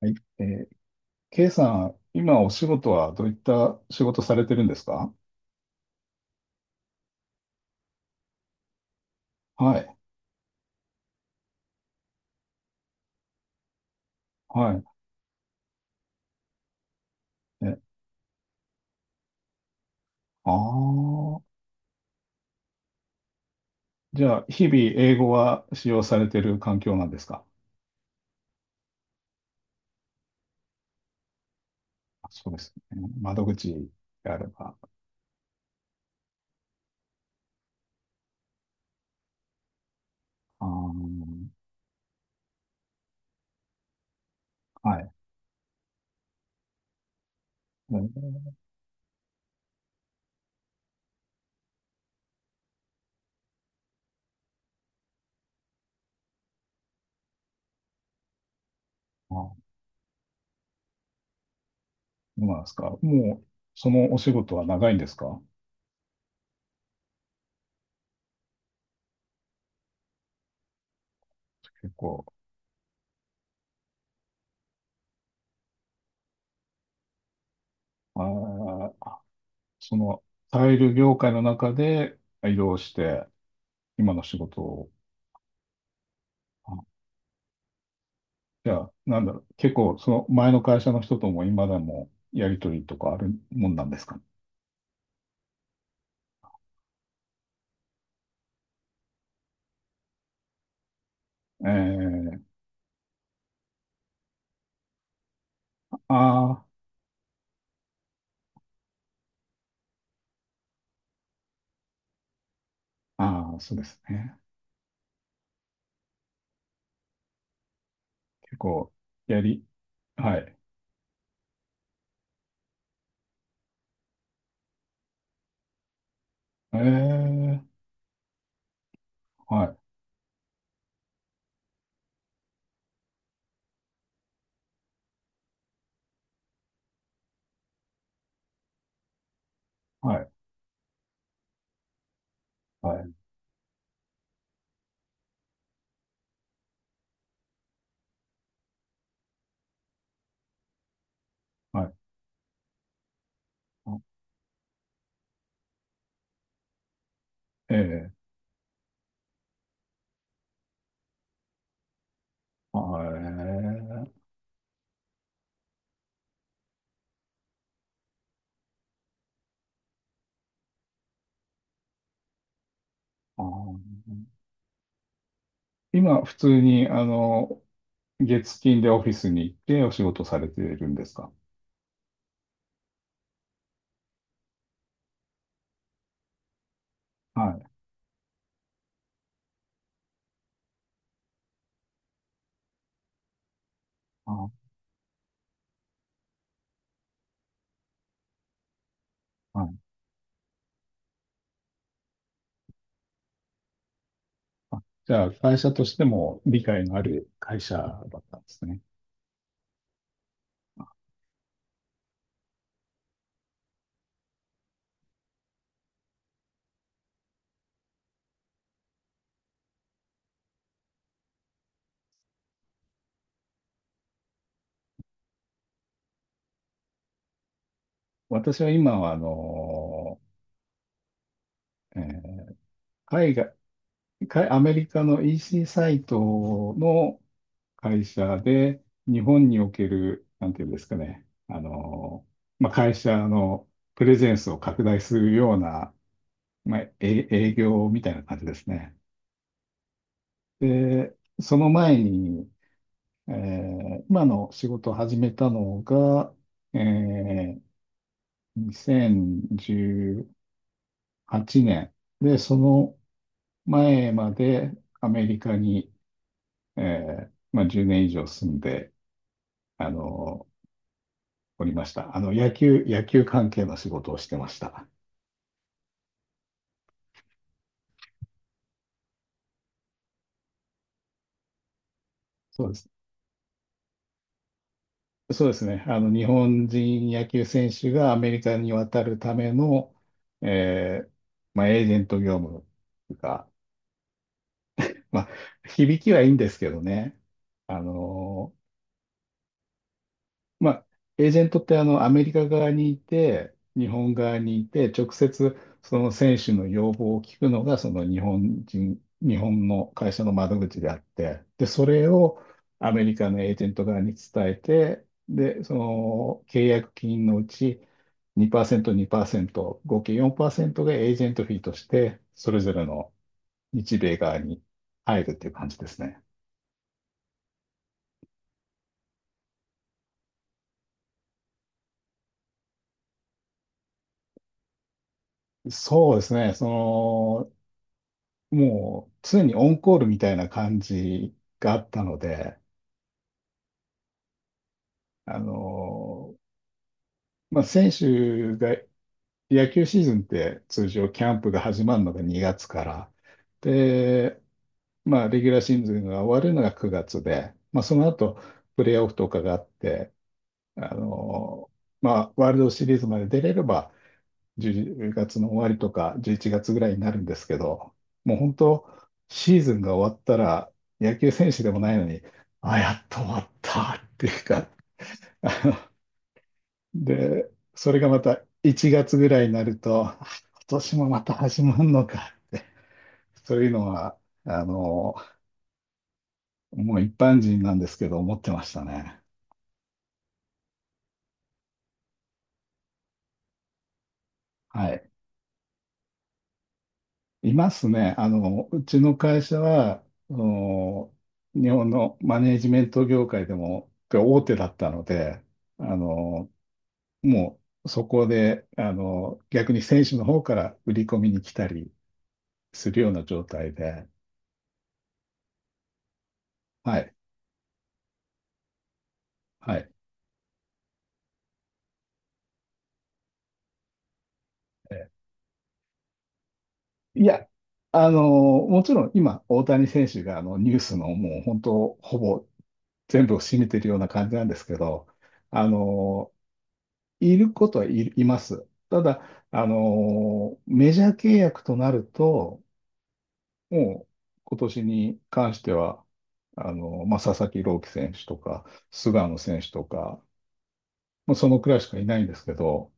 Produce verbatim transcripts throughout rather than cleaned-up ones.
はい。えー、K さん、今お仕事はどういった仕事されてるんですか？はい。はい。え、ああ、じゃあ、日々英語は使用されてる環境なんですか？あ、そうですね。窓口であれば。あー、はい。えーあ、そうなんですか。もう、そのお仕事は長いんですか？結構。あー、その、タイル業界の中で移動して、今の仕事を。じゃあ、なんだろう、結構、その前の会社の人とも今でもやりとりとかあるもんなんですか？ええ。ああ、ああ、そうですね。結構、やり、はい。ええ、はい、はい、はい、はい。ええー、はい。あー今、普通に、あの、月金でオフィスに行ってお仕事されているんですか？はい。あ、はい。じゃあ、会社としても理解のある会社だったんですね。私は今は、あの、えー海外、海アメリカの イーシー サイトの会社で、日本における、なんていうんですかね、あの、まあ、会社のプレゼンスを拡大するような、まあ、え営業みたいな感じですね。で、その前に、えー今の仕事を始めたのが、えーにせんじゅうはちねん。で、その前までアメリカに、えーまあ、じゅうねん以上住んで、あの、おりました。あの、野球、野球関係の仕事をしてました。そうです。そうですね。あの、日本人野球選手がアメリカに渡るための、えーまあ、エージェント業務が、まあ、響きはいいんですけどね。あのーまあ、エージェントってあの、アメリカ側にいて、日本側にいて、直接その選手の要望を聞くのが、その日本人、日本の会社の窓口であって、で、それをアメリカのエージェント側に伝えて、で、その契約金のうちにパーセント、にパーセント、合計よんパーセントがエージェントフィーとして、それぞれの日米側に入るっていう感じですね。そうですね。その、もう常にオンコールみたいな感じがあったので、あの、まあ、選手が、野球シーズンって通常キャンプが始まるのがにがつから、で、まあ、レギュラーシーズンが終わるのがくがつで、まあ、その後、プレーオフとかがあって、あの、まあ、ワールドシリーズまで出れれば、じゅうがつの終わりとかじゅういちがつぐらいになるんですけど、もう本当、シーズンが終わったら、野球選手でもないのに、あ、やっと終わったっていうか、あので、それがまたいちがつぐらいになると、あ今年もまた始まるのか、そういうのは、あの、もう一般人なんですけど、思ってましたね。はい。いますね。あの、うちの会社は、あの日本のマネージメント業界でも大手だったので、あの、もうそこで、あの、逆に選手の方から売り込みに来たりするような状態で、はい、はい。えいや、あの、もちろん今、大谷選手があのニュースのもう本当、ほぼ全部を占めているような感じなんですけど、あの、いることはいいます。ただ、あのメジャー契約となると、もう今年に関しては、あのまあ、佐々木朗希選手とか、菅野選手とか、もうそのくらいしかいないんですけど、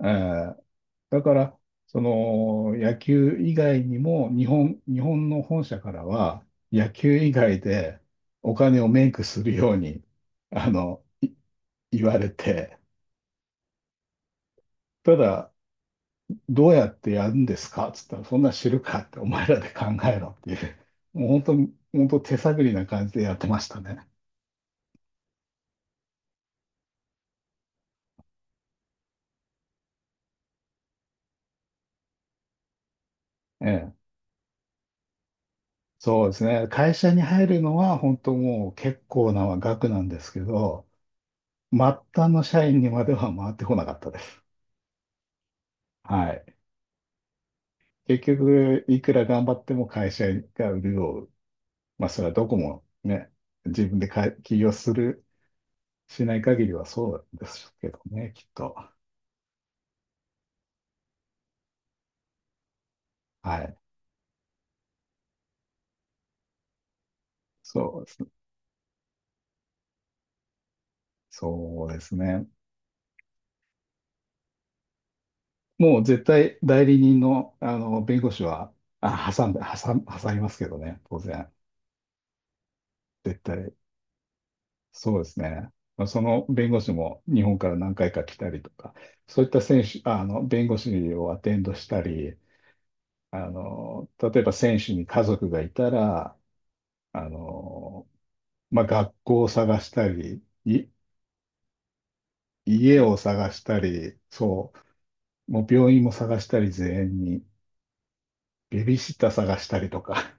えーだから、その野球以外にも、日本、日本の本社からは、野球以外でお金をメイクするように、あの、言われて、ただ、どうやってやるんですかっつったら、そんなん知るかって、お前らで考えろっていう、もう本当に、本当手探りな感じでやってましたね。ええ。そうですね。会社に入るのは本当もう結構な額なんですけど、末端の社員にまでは回ってこなかったです。はい。結局、いくら頑張っても会社が潤う。まあ、それはどこもね、自分でか起業する、しない限りはそうですけどね、きっと。はい。そうです。そうですね。もう絶対代理人の、あの弁護士はあ挟んで、挟ん、挟みますけどね、当然。絶対。そうですね。その弁護士も日本から何回か来たりとか、そういった選手、あの弁護士をアテンドしたり、あの例えば選手に家族がいたら、あのまあ、学校を探したり、い、家を探したり、そう、もう病院も探したり、全員に、ベビーシッター探したりとか。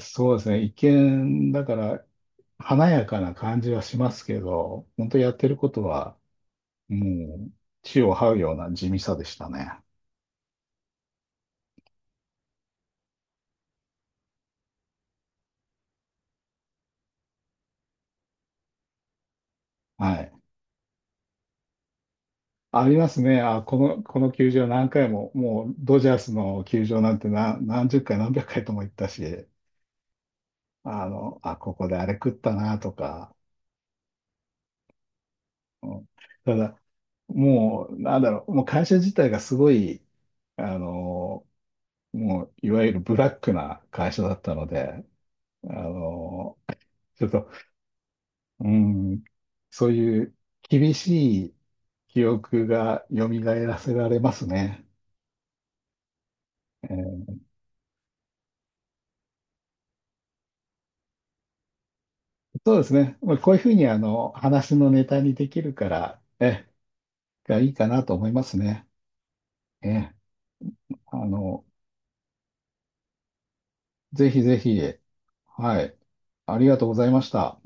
そうですね。一見、だから、華やかな感じはしますけど、本当やってることは、もう、地を這うような地味さでしたね。はい。ありますね。あ、この、この球場何回も、もう、ドジャースの球場なんて何、何十回、何百回とも行ったし、あの、あ、ここであれ食ったな、とか。うん、ただ、もう、なんだろう、もう会社自体がすごい、あの、もう、いわゆるブラックな会社だったので、あの、ちょっと、うん、そういう厳しい記憶が蘇らせられますね。えーそうですね。まあ、こういうふうにあの話のネタにできるから、え、がいいかなと思いますね。え、あの、ぜひぜひ、はい。ありがとうございました。